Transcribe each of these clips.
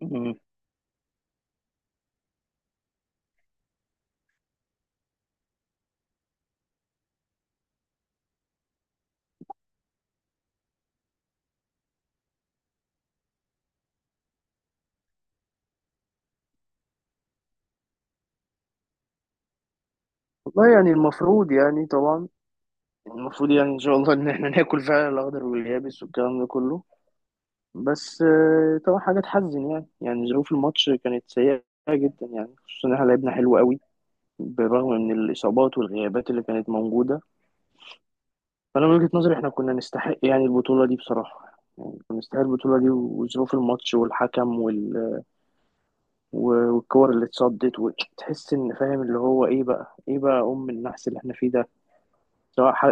مم. والله يعني المفروض، يعني طبعا المفروض، يعني ان شاء الله ان احنا ناكل فعلا الاخضر واليابس والكلام ده كله. بس طبعا حاجه تحزن، يعني يعني ظروف الماتش كانت سيئه جدا، يعني خصوصا ان احنا لعبنا حلو قوي بالرغم من الاصابات والغيابات اللي كانت موجوده. فانا من وجهه نظري احنا كنا نستحق يعني البطوله دي بصراحه، يعني كنا نستحق البطوله دي. وظروف الماتش والحكم والكور اللي اتصدت، وتحس ان فاهم اللي هو ايه بقى، ايه بقى ام النحس اللي احنا فيه ده. سواء حق...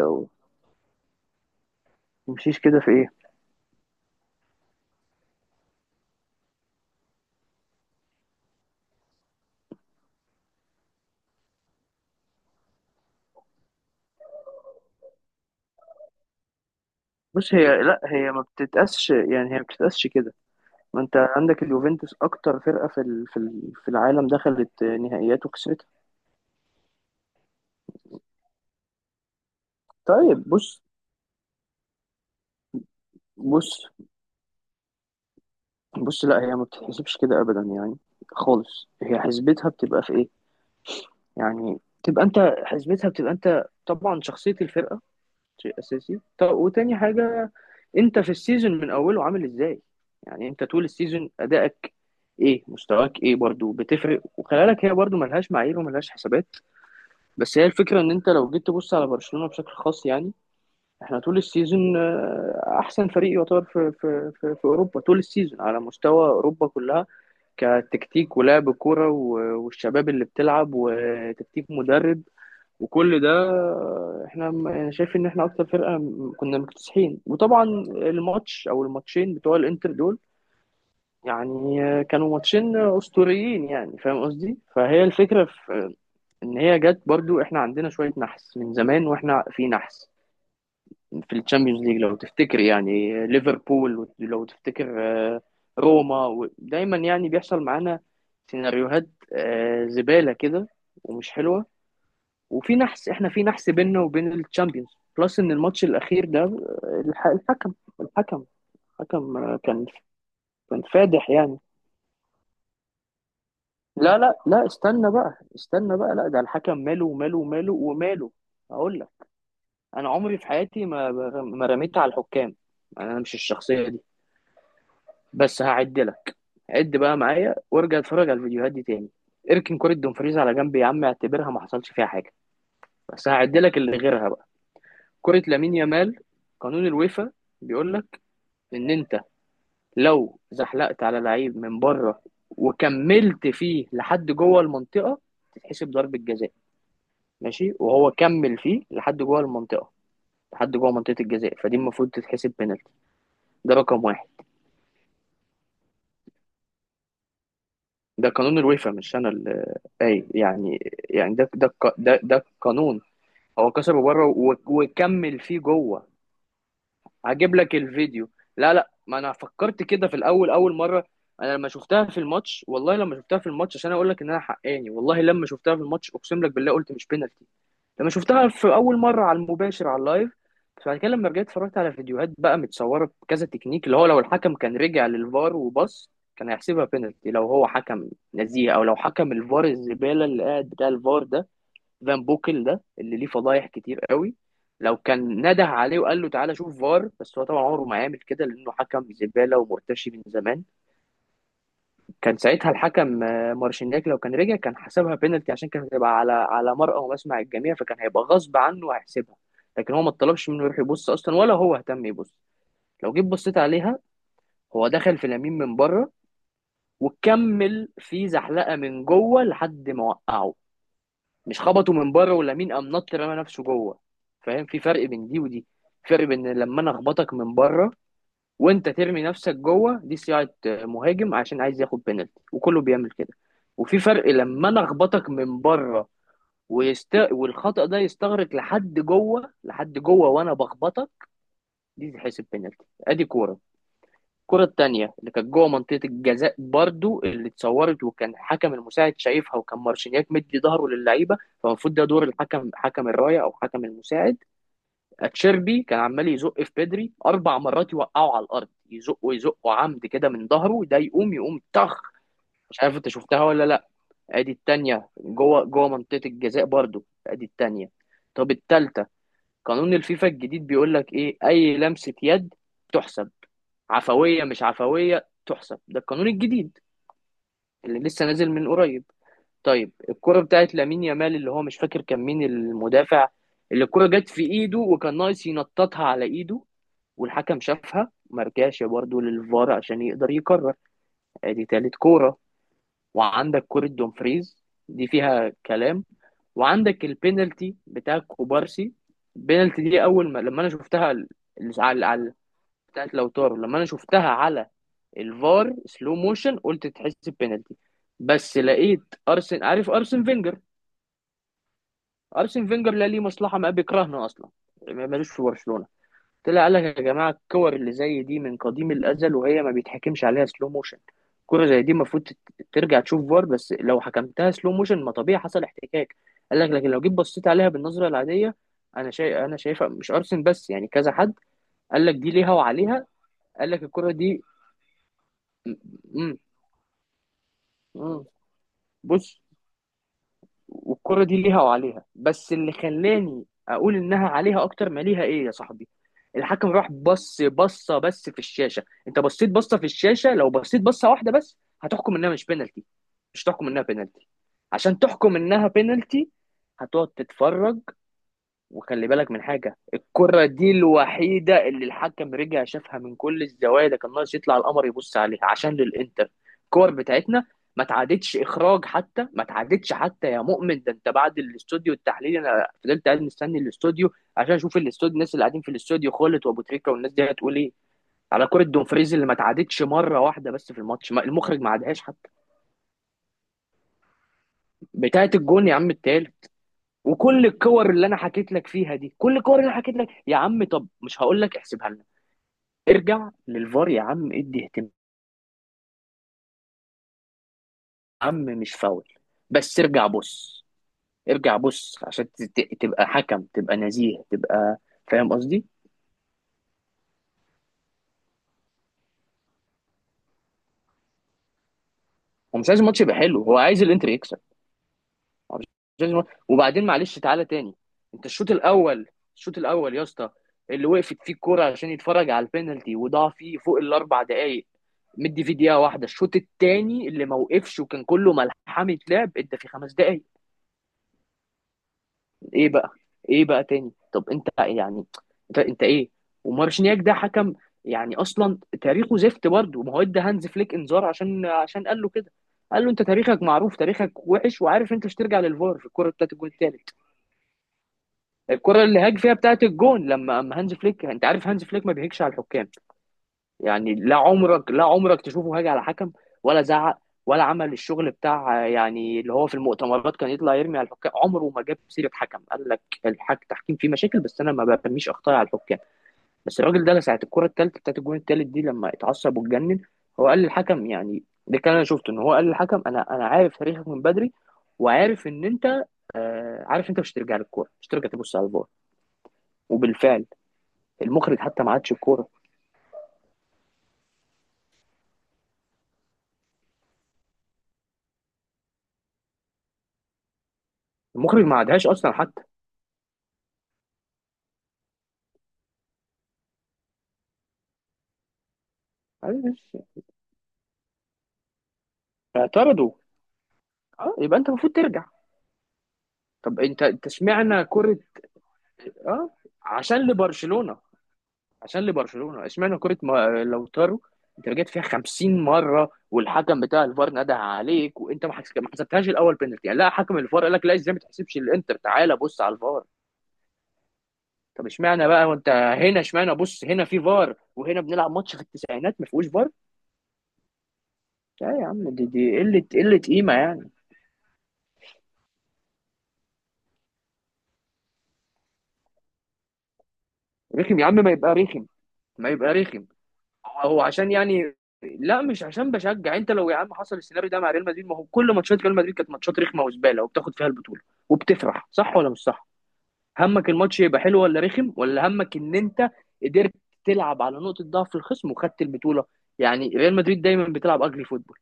تمشيش كده في ايه؟ بص، هي لا، هي ما بتتقاسش كده. ما انت عندك اليوفنتوس اكتر فرقه في العالم دخلت نهائيات وكسبتها. طيب بص، بص بص، لا هي ما بتتحسبش كده ابدا يعني خالص. هي حسبتها بتبقى في ايه؟ يعني تبقى انت حسبتها بتبقى، انت طبعا شخصيه الفرقه شيء اساسي. طب وتاني حاجه، انت في السيزون من اوله عامل ازاي؟ يعني انت طول السيزون ادائك ايه، مستواك ايه، برضو بتفرق. وخلي بالك هي برضو ملهاش معايير وملهاش حسابات. بس هي الفكره، ان انت لو جيت تبص على برشلونه بشكل خاص، يعني احنا طول السيزون احسن فريق يعتبر في اوروبا، طول السيزون على مستوى اوروبا كلها، كتكتيك ولعب كوره والشباب اللي بتلعب، وتكتيك مدرب. وكل ده احنا، انا شايف ان احنا اكتر فرقه كنا مكتسحين. وطبعا الماتش او الماتشين بتوع الانتر دول، يعني كانوا ماتشين اسطوريين، يعني فاهم قصدي. فهي الفكره، في ان هي جت. برضو احنا عندنا شويه نحس من زمان، واحنا في نحس في الشامبيونز ليج، لو تفتكر. يعني ليفربول لو تفتكر، آه، روما دايما يعني بيحصل معانا سيناريوهات زباله كده ومش حلوه. وفي نحس، احنا في نحس بيننا وبين الشامبيونز. بلس ان الماتش الاخير ده الحكم. الحكم الحكم كان كان فادح يعني. لا استنى بقى، استنى بقى، لا ده الحكم ماله وماله وماله وماله. هقول لك، انا عمري في حياتي ما ما رميت على الحكام، يعني انا مش الشخصيه دي. بس هعد لك، عد بقى معايا وارجع اتفرج على الفيديوهات دي تاني. اركن كرة دومفريز على جنب يا عم، اعتبرها ما حصلش فيها حاجه. بس هعد لك اللي غيرها بقى. كرة لامين يامال، قانون الويفا بيقول لك ان انت لو زحلقت على لعيب من بره وكملت فيه لحد جوه المنطقه، تتحسب ضربه جزاء. ماشي؟ وهو كمل فيه لحد جوه المنطقه، لحد جوه منطقه الجزاء. فدي المفروض تتحسب بنالتي. ده رقم واحد، ده قانون الويفا، مش انا اللي، اي يعني، يعني ده ده القانون. هو كسره بره وكمل فيه جوه. هجيب لك الفيديو. لا لا، ما انا فكرت كده في الاول، اول مره انا لما شفتها في الماتش، والله لما شفتها في الماتش، عشان اقول لك ان انا حقاني، والله لما شفتها في الماتش اقسم لك بالله قلت مش بينالتي. لما شفتها في اول مره على المباشر، على اللايف. فبعد كده لما رجعت اتفرجت على فيديوهات بقى متصوره بكذا تكنيك، اللي هو لو الحكم كان رجع للفار وبص كان هيحسبها بينالتي، لو هو حكم نزيه، او لو حكم الفار الزباله اللي قاعد، بتاع الفار ده، فان بوكل، ده اللي ليه فضايح كتير قوي، لو كان نده عليه وقال له تعالى شوف فار. بس هو طبعا عمره ما هيعمل كده، لانه حكم زباله ومرتشي من زمان. كان ساعتها الحكم مارشينياك لو كان رجع كان حسبها بينالتي، عشان كانت هتبقى على على مرأى ومسمع الجميع، فكان هيبقى غصب عنه وهيحسبها. لكن هو ما طلبش منه يروح يبص اصلا، ولا هو اهتم يبص. لو جيت بصيت عليها، هو دخل في لامين من بره وكمل في زحلقه من جوه لحد ما وقعه. مش خبطه من بره ولامين قام نط رمى نفسه جوه. فاهم؟ في فرق بين دي ودي. فرق بين لما انا اخبطك من بره وانت ترمي نفسك جوه، دي صياعه مهاجم عشان عايز ياخد بينالتي وكله بيعمل كده. وفي فرق لما انا اخبطك من بره والخطأ ده يستغرق لحد جوه، لحد جوه وانا بخبطك، دي تحسب بينالتي. ادي كوره. الكوره التانية اللي كانت جوه منطقه الجزاء برضو، اللي اتصورت وكان حكم المساعد شايفها، وكان مارشينياك مدي ظهره للعيبه، فالمفروض ده دور الحكم، حكم الرايه او حكم المساعد. اتشيربي كان عمال يزق في بدري 4 مرات، يوقعه على الارض، يزقه يزقه عمد كده من ظهره، ده يقوم يقوم طخ. مش عارف انت شفتها ولا لا. ادي التانية، جوه جوه منطقة الجزاء برضو، ادي التانية. طب التالتة، قانون الفيفا الجديد بيقول لك ايه؟ اي لمسة يد تحسب، عفوية مش عفوية تحسب، ده القانون الجديد اللي لسه نازل من قريب. طيب الكرة بتاعت لامين يامال، اللي هو مش فاكر كان مين المدافع اللي الكرة جت في ايده، وكان ناقص ينططها على ايده، والحكم شافها ما رجعش برضه للفار عشان يقدر يقرر. ادي تالت كوره. وعندك كوره دومفريز، دي فيها كلام. وعندك البينالتي بتاع كوبارسي. البينالتي دي اول ما لما انا شفتها على على بتاعت لوتارو، لما انا شفتها على الفار سلو موشن، قلت تحس بينالتي. بس لقيت ارسن، عارف ارسن فينجر؟ ارسن فينجر لا ليه مصلحه، ما بيكرهنا اصلا، ملوش في برشلونه. طلع قال لك يا جماعه الكور اللي زي دي من قديم الازل وهي ما بيتحكمش عليها سلو موشن. كرة زي دي المفروض ترجع تشوف فار. بس لو حكمتها سلو موشن ما، طبيعي حصل احتكاك. قال لك لكن لو جيت بصيت عليها بالنظره العاديه، انا شايف، انا شايفها مش ارسن بس يعني كذا حد قال لك دي ليها وعليها. قال لك الكرة دي م- م- م- بص. والكرة دي ليها وعليها. بس اللي خلاني اقول انها عليها اكتر ما ليها ايه يا صاحبي؟ الحكم راح بص بصه بس في الشاشه. انت بصيت بصه في الشاشه، لو بصيت بصه واحده بس هتحكم انها مش بينالتي، مش تحكم انها بينالتي. عشان تحكم انها بينالتي هتقعد تتفرج. وخلي بالك من حاجة، الكرة دي الوحيدة اللي الحكم رجع شافها من كل الزوايا، ده كان ناقص يطلع القمر يبص عليها، عشان للإنتر. الكور بتاعتنا ما تعادتش إخراج حتى، ما تعادتش حتى يا مؤمن. ده أنت بعد الاستوديو التحليلي أنا فضلت قاعد مستني الاستوديو عشان أشوف الاستوديو، الناس اللي قاعدين في الاستوديو، خالد وأبو تريكة والناس دي، هتقول إيه على كرة دومفريز؟ اللي ما تعادتش مرة واحدة بس في الماتش، المخرج ما عادهاش حتى. بتاعت الجون يا عم، التالت. وكل الكور اللي انا حكيت لك فيها دي، كل الكور اللي انا حكيت لك يا عم، طب مش هقول لك احسبها لنا، ارجع للفار يا عم، ادي اهتمام. يا عم مش فاول، بس ارجع بص، ارجع بص عشان تبقى حكم، تبقى نزيه، تبقى فاهم قصدي. هو مش عايز الماتش يبقى حلو، هو عايز الانتر يكسب. جيمس مارتن. وبعدين معلش تعالى تاني، انت الشوط الاول، الشوط الاول يا اسطى اللي وقفت فيه الكوره عشان يتفرج على البينالتي وضاع فيه فوق الـ4 دقائق، مدي فيه دقيقه واحده. الشوط التاني اللي ما وقفش وكان كله ملحمه لعب، انت في 5 دقائق ايه بقى، ايه بقى تاني؟ طب انت يعني، انت ايه؟ ومارشنياك ده حكم، يعني اصلا تاريخه زفت برضه. ما هو ادى هانز فليك انذار عشان، عشان قال له كده، قال له انت تاريخك معروف، تاريخك وحش، وعارف انت مش ترجع للفار في الكوره بتاعت الجون التالت. الكرة اللي هاج فيها بتاعت الجون، لما اما هانز فليك، انت عارف هانز فليك ما بيهجش على الحكام، يعني لا عمرك، لا عمرك تشوفه هاج على حكم ولا زعق ولا عمل الشغل بتاع، يعني اللي هو في المؤتمرات كان يطلع يرمي على الحكام. عمره ما جاب سيرة حكم، قال لك الحك التحكيم فيه مشاكل بس انا ما برميش اخطاء على الحكام. بس الراجل ده ساعة الكرة الثالثة بتاعت الجون الثالث دي لما اتعصب واتجنن، هو قال للحكم، يعني ده كان، انا شفته ان هو قال للحكم، انا انا عارف تاريخك من بدري، وعارف ان انت عارف انت مش هترجع للكوره، مش هترجع تبص على الفار. وبالفعل، المخرج حتى ما عادش الكوره، المخرج ما عادهاش اصلا حتى. معلش، اعترضوا. اه يبقى انت المفروض ترجع. طب انت، انت اشمعنى كره؟ اه، عشان لبرشلونه، عشان لبرشلونه اشمعنى كره ما... لو طاروا، انت رجعت فيها 50 مره والحكم بتاع الفار نده عليك، وانت ما حس- ما حسبتهاش الاول بينالتي، يعني لا، حكم الفار قال لك لا، ازاي ما تحسبش؟ الانتر تعالى بص على الفار. طب اشمعنى بقى؟ وانت هنا اشمعنى بص، هنا في فار وهنا بنلعب ماتش في التسعينات ما فيهوش فار؟ لا يا عم، دي دي قله قله قيمه يعني. رخم يا عم، ما يبقى رخم، ما يبقى رخم. هو هو عشان يعني، لا مش عشان بشجع. انت لو يا عم حصل السيناريو ده مع ريال مدريد، ما هو كل ماتشات ريال مدريد كانت ماتشات رخمه وزباله وبتاخد فيها البطوله وبتفرح، صح ولا مش صح؟ همك الماتش يبقى حلو ولا رخم، ولا همك ان انت قدرت تلعب على نقطه ضعف الخصم وخدت البطوله؟ يعني ريال مدريد دايما بتلعب اجري فوتبول،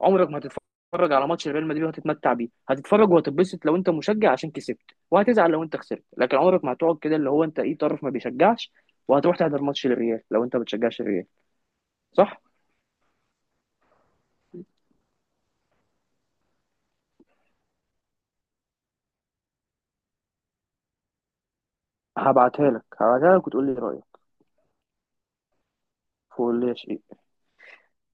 عمرك ما هتتفرج على ماتش ريال مدريد وهتتمتع بيه. هتتفرج وهتتبسط لو انت مشجع، عشان كسبت، وهتزعل لو انت خسرت. لكن عمرك ما هتقعد كده اللي هو انت ايه، طرف ما بيشجعش، وهتروح تحضر ماتش الريال لو انت ما بتشجعش الريال. صح. هبعتها لك، هبعتها لك وتقول لي رايك، وقول لي يا شيخ.